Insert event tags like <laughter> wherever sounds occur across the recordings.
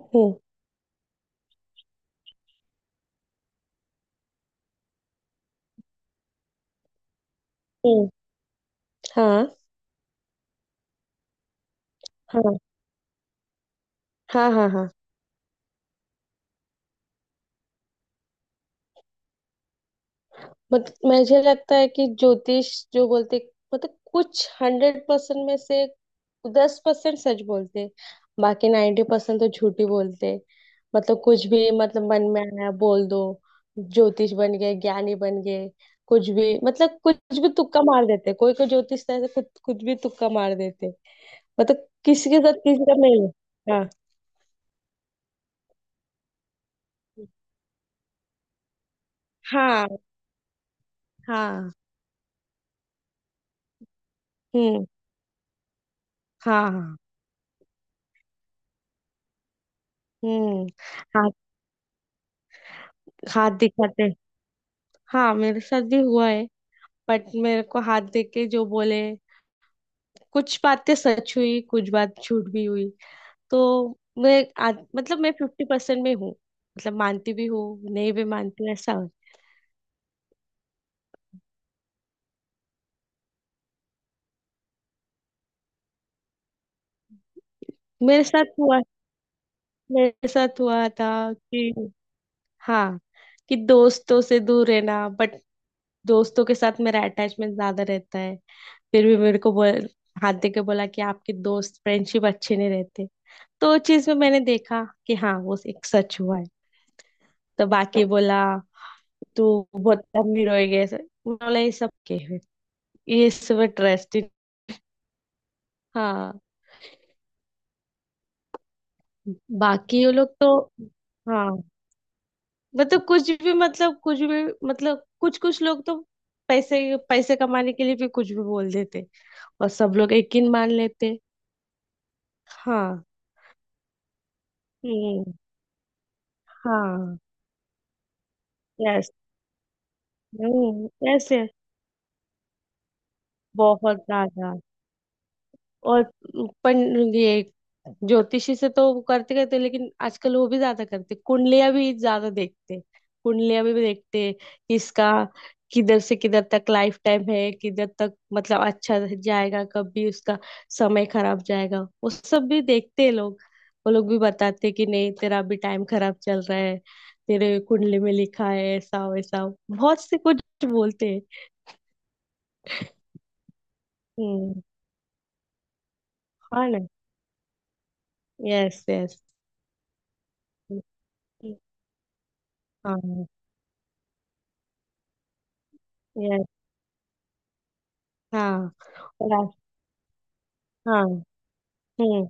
हम्म, हम्म। हाँ, हाँ, हाँ। हाँ। हाँ मत, मुझे लगता है कि ज्योतिष जो बोलते, मतलब कुछ 100% में से 10% सच बोलते, बाकी 90% तो झूठी बोलते। मतलब कुछ भी, मतलब मन में आया बोल दो। ज्योतिष बन गए, ज्ञानी बन गए। कुछ भी मतलब कुछ भी तुक्का मार देते। कोई कोई ज्योतिष तो ऐसे कुछ कुछ भी तुक्का मार देते। मतलब किसी के साथ किसी का नहीं। हाँ, हाँ, हाँ। हम्म। हाँ, हाँ। हम्म। हाथ। हाथ दिखाते। हाँ, मेरे साथ भी हुआ है। बट मेरे को हाथ देख के जो बोले, कुछ बातें सच हुई, कुछ बात झूठ भी हुई। तो मैं मतलब मैं 50% में हूँ। मतलब मानती भी हूँ, नहीं भी मानती हूँ, ऐसा हो। मेरे साथ हुआ। मेरे साथ हुआ था कि, हाँ, कि दोस्तों से दूर रहना। बट दोस्तों के साथ मेरा अटैचमेंट ज्यादा रहता है। फिर भी मेरे को बोल, हाथ दे के बोला कि आपके दोस्त फ्रेंडशिप अच्छे नहीं रहते। तो उस चीज में मैंने देखा कि हाँ, वो एक सच हुआ है। तो बाकी बोला, तू बहुत अमीर हो गया, ऐसे उन्होंने बोला। ये सब के है। ये सब इंटरेस्टिंग। हाँ। बाकी वो लोग तो। हाँ, मतलब कुछ भी मतलब कुछ भी मतलब कुछ कुछ लोग तो पैसे, पैसे कमाने के लिए भी कुछ भी बोल देते, और सब लोग यकीन मान लेते। हाँ। हम्म। हाँ। यस। हम्म, ऐसे बहुत ज्यादा। और पन ये ज्योतिषी से तो वो करते करते, लेकिन आजकल वो भी ज्यादा करते, कुंडलियां भी ज्यादा देखते। कुंडलियां भी देखते कि इसका किधर से किधर तक लाइफ टाइम है, किधर तक मतलब अच्छा जाएगा, कब भी उसका समय खराब जाएगा, वो सब भी देखते हैं लोग। वो लोग भी बताते हैं कि नहीं, तेरा अभी टाइम खराब चल रहा है, तेरे कुंडली में लिखा है ऐसा वैसा। बहुत से कुछ बोलते हैं। हम्म। हाँ ना। Yes, yes. हाँ। yes। हाँ। और आ- हाँ। हम्म।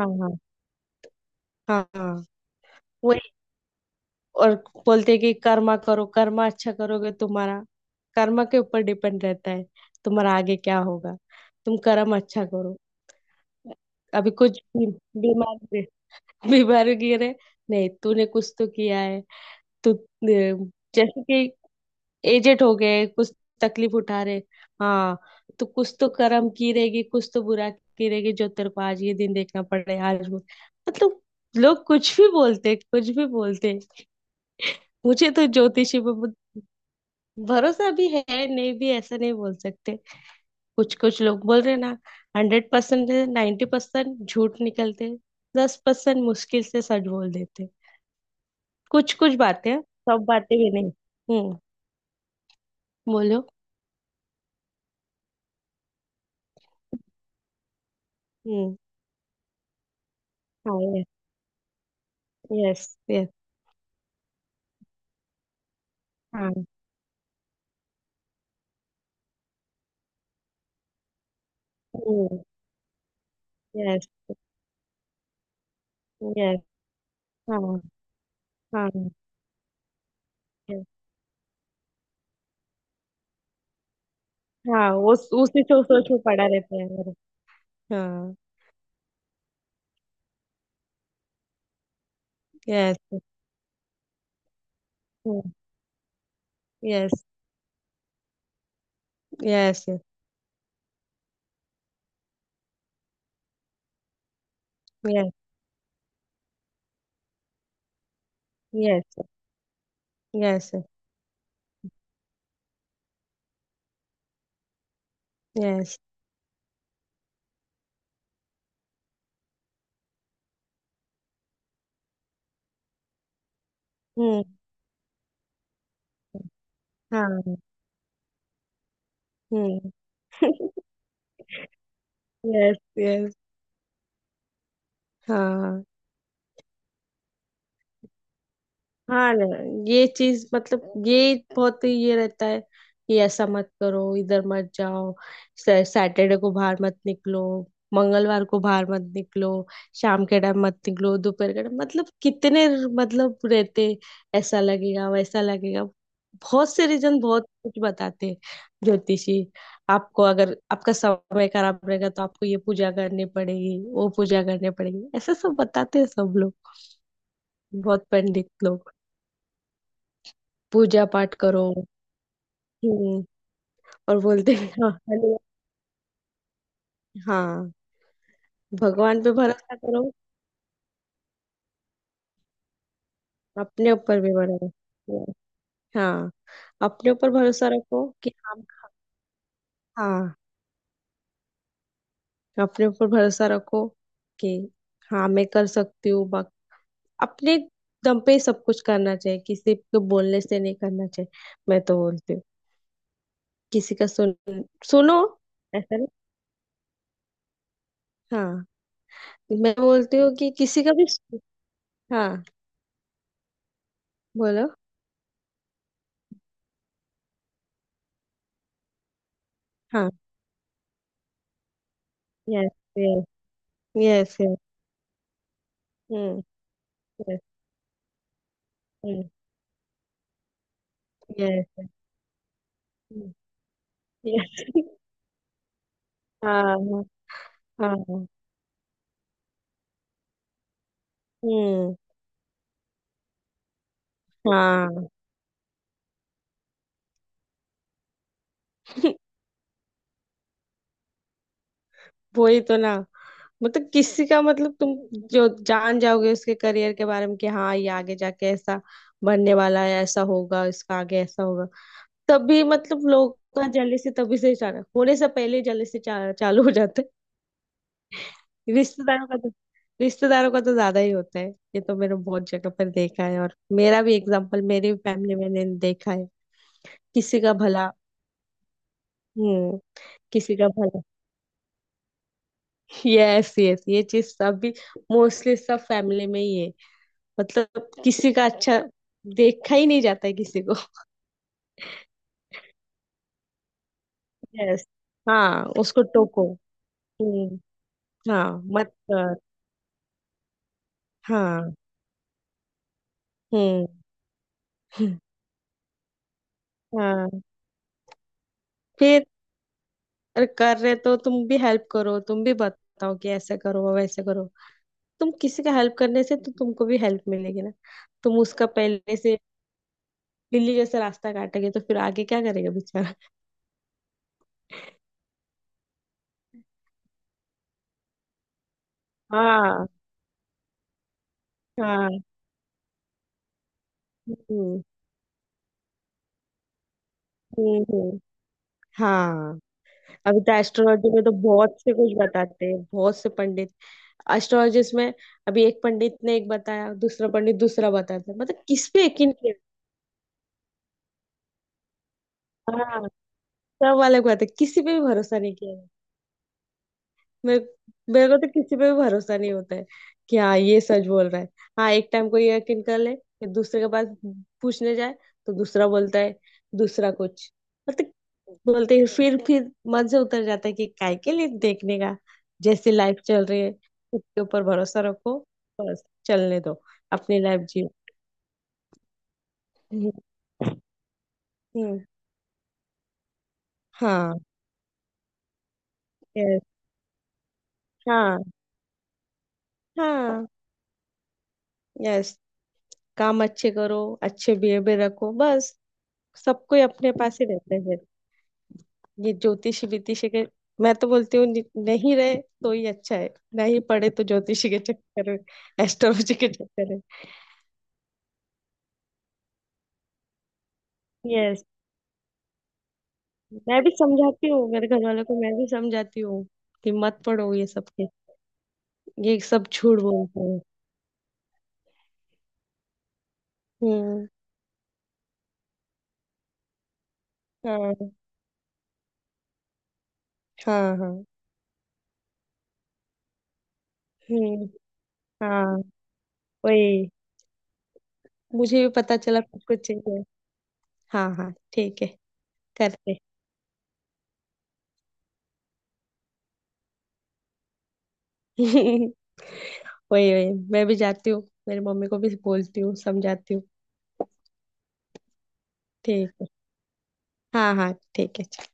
हाँ, हाँ। हाँ। हाँ। वही। और बोलते हैं कि कर्मा करो, कर्मा अच्छा करोगे, तुम्हारा कर्मा के ऊपर डिपेंड रहता है, तुम्हारा आगे क्या होगा। तुम कर्म अच्छा करो। अभी कुछ भी- बीमार गिरे- <laughs> बीमार गिरे, नहीं तूने कुछ तो किया है। तू जैसे कि एजेड हो गए कुछ, तकलीफ उठा रहे। हाँ। तो कुछ तो करम की रहेगी, कुछ तो बुरा की रहेगी, जो तेरे को आज ये दिन देखना पड़ रहा है आज, वो मतलब। लोग कुछ भी बोलते, कुछ भी बोलते। मुझे तो ज्योतिषी पे बहुत भरोसा भी है, नहीं भी, ऐसा नहीं बोल सकते। कुछ कुछ लोग बोल रहे ना, 100%, 90% झूठ निकलते, 10% मुश्किल से सच बोल देते। कुछ कुछ बातें, सब बातें भी नहीं। हम्म। बोलो। हम्म। हाँ। Yes, yes. यस। हाँ। हम्म। Yes, yes. हाँ, हाँ। yes, हाँ। वो उसी सोच सोच में पड़ा रहता है मेरा। हाँ। Yes, yes. Yes, yes. Yes, yes. Yes. हम्म। हाँ। हम्म। <laughs> Yes, yes. हाँ। हाँ ना। ये चीज मतलब ये बहुत ही ये रहता है कि ऐसा मत करो, इधर मत जाओ, सैटरडे को बाहर मत निकलो, मंगलवार को बाहर मत निकलो, शाम के टाइम मत निकलो, दोपहर के टाइम। मतलब कितने मतलब रहते, ऐसा लगेगा वैसा लगेगा। बहुत से रीजन, बहुत कुछ बताते हैं ज्योतिषी। आपको, अगर आपका समय खराब रहेगा तो आपको ये पूजा करनी पड़ेगी, वो पूजा करनी पड़ेगी, ऐसा सब बताते हैं सब लोग, बहुत पंडित लोग। पूजा पाठ करो। हम्म। और बोलते हैं हाँ हलवा। हाँ, भगवान पे भरोसा करो। अपने ऊपर भी भरोसा। हाँ, अपने ऊपर भरोसा रखो कि हम, हाँ, अपने ऊपर भरोसा रखो कि हाँ, मैं कर सकती हूँ। अपने दम पे ही सब कुछ करना चाहिए, किसी के बोलने से नहीं करना चाहिए। मैं तो बोलती हूँ, किसी का सुन, सुनो, ऐसा नहीं। हाँ। मैं बोलती हूँ कि किसी का भी, हाँ बोलो। हाँ। Yes, yes. हम्म। Yes, yes, yes. हाँ, हाँ, हाँ, हम्म। हाँ। <laughs> वही तो ना। मतलब किसी का मतलब तुम जो जान जाओगे उसके करियर के बारे में कि हाँ, ये आगे जाके ऐसा बनने वाला है, ऐसा होगा इसका, आगे ऐसा होगा। तभी मतलब लोग का से, तभी से चालू होने से पहले जल्दी से चालू हो जाता है। <laughs> रिश्तेदारों का तो, रिश्तेदारों का तो ज्यादा ही होता है। ये तो मैंने बहुत जगह पर देखा है। और मेरा भी एग्जाम्पल, मेरी फैमिली में मैंने देखा है। किसी का भला। हम्म। किसी का भला। Yes, yes. ये चीज सब भी मोस्टली सब फैमिली में ही है। मतलब किसी का अच्छा देखा ही नहीं जाता है किसी को। यस। हाँ, उसको टोको। हम्म। हाँ, मत कर। हाँ। हम्म। हाँ। फिर अरे, कर रहे तो तुम भी हेल्प करो, तुम भी बताओ कि ऐसे करो वैसे करो। तुम किसी का हेल्प करने से तो तुमको भी हेल्प मिलेगी ना। तुम उसका पहले से लिली जैसे रास्ता काटेंगे तो फिर आगे क्या करेगा बेचारा। हाँ, हाँ। हम्म, हम्म, हाँ। अभी तो एस्ट्रोलॉजी में तो बहुत से कुछ बताते हैं, बहुत से पंडित, एस्ट्रोलॉजिस्ट में। अभी एक पंडित ने एक बताया, दूसरा पंडित दूसरा बताता है, मतलब किस पे यकीन किया। हाँ। सब वाले को बताते, किसी पे भी भरोसा नहीं किया। मेरे, मेरे को तो किसी पे भी भरोसा नहीं होता है कि हाँ, ये सच बोल रहा है। हाँ, एक टाइम को ये यकीन कर ले, फिर दूसरे के पास पूछने जाए तो दूसरा बोलता है, दूसरा कुछ मतलब बोलते हैं। फिर मन से उतर जाता है कि काय के लिए देखने का। जैसे लाइफ चल रही है, उसके ऊपर भरोसा रखो। बस चलने दो, अपनी लाइफ जियो। हम्म, हाँ। यस। हाँ, हाँ। यस। काम अच्छे करो, अच्छे बिहेवियर रखो बस। सब कोई अपने पास ही रहते हैं। ये ज्योतिषी वितिषी के, मैं तो बोलती हूँ नहीं रहे तो ही अच्छा है। नहीं पढ़े तो ज्योतिषी के चक्कर में, एस्ट्रोलॉजी के चक्कर में। यस। मैं भी समझाती हूँ मेरे घर वालों को, मैं भी समझाती हूँ कि मत पढ़ो ये सब के, ये सब झूठ बोलते हैं। हम्म। हाँ, हाँ, हाँ। हम्म। हाँ। वही। मुझे भी पता चला कुछ कुछ चीजें। हाँ, हाँ, ठीक है। करते। <laughs> वही, वही। मैं भी जाती हूँ, मेरी मम्मी को भी बोलती हूँ, समझाती हूँ। ठीक है, हाँ, हाँ, ठीक है।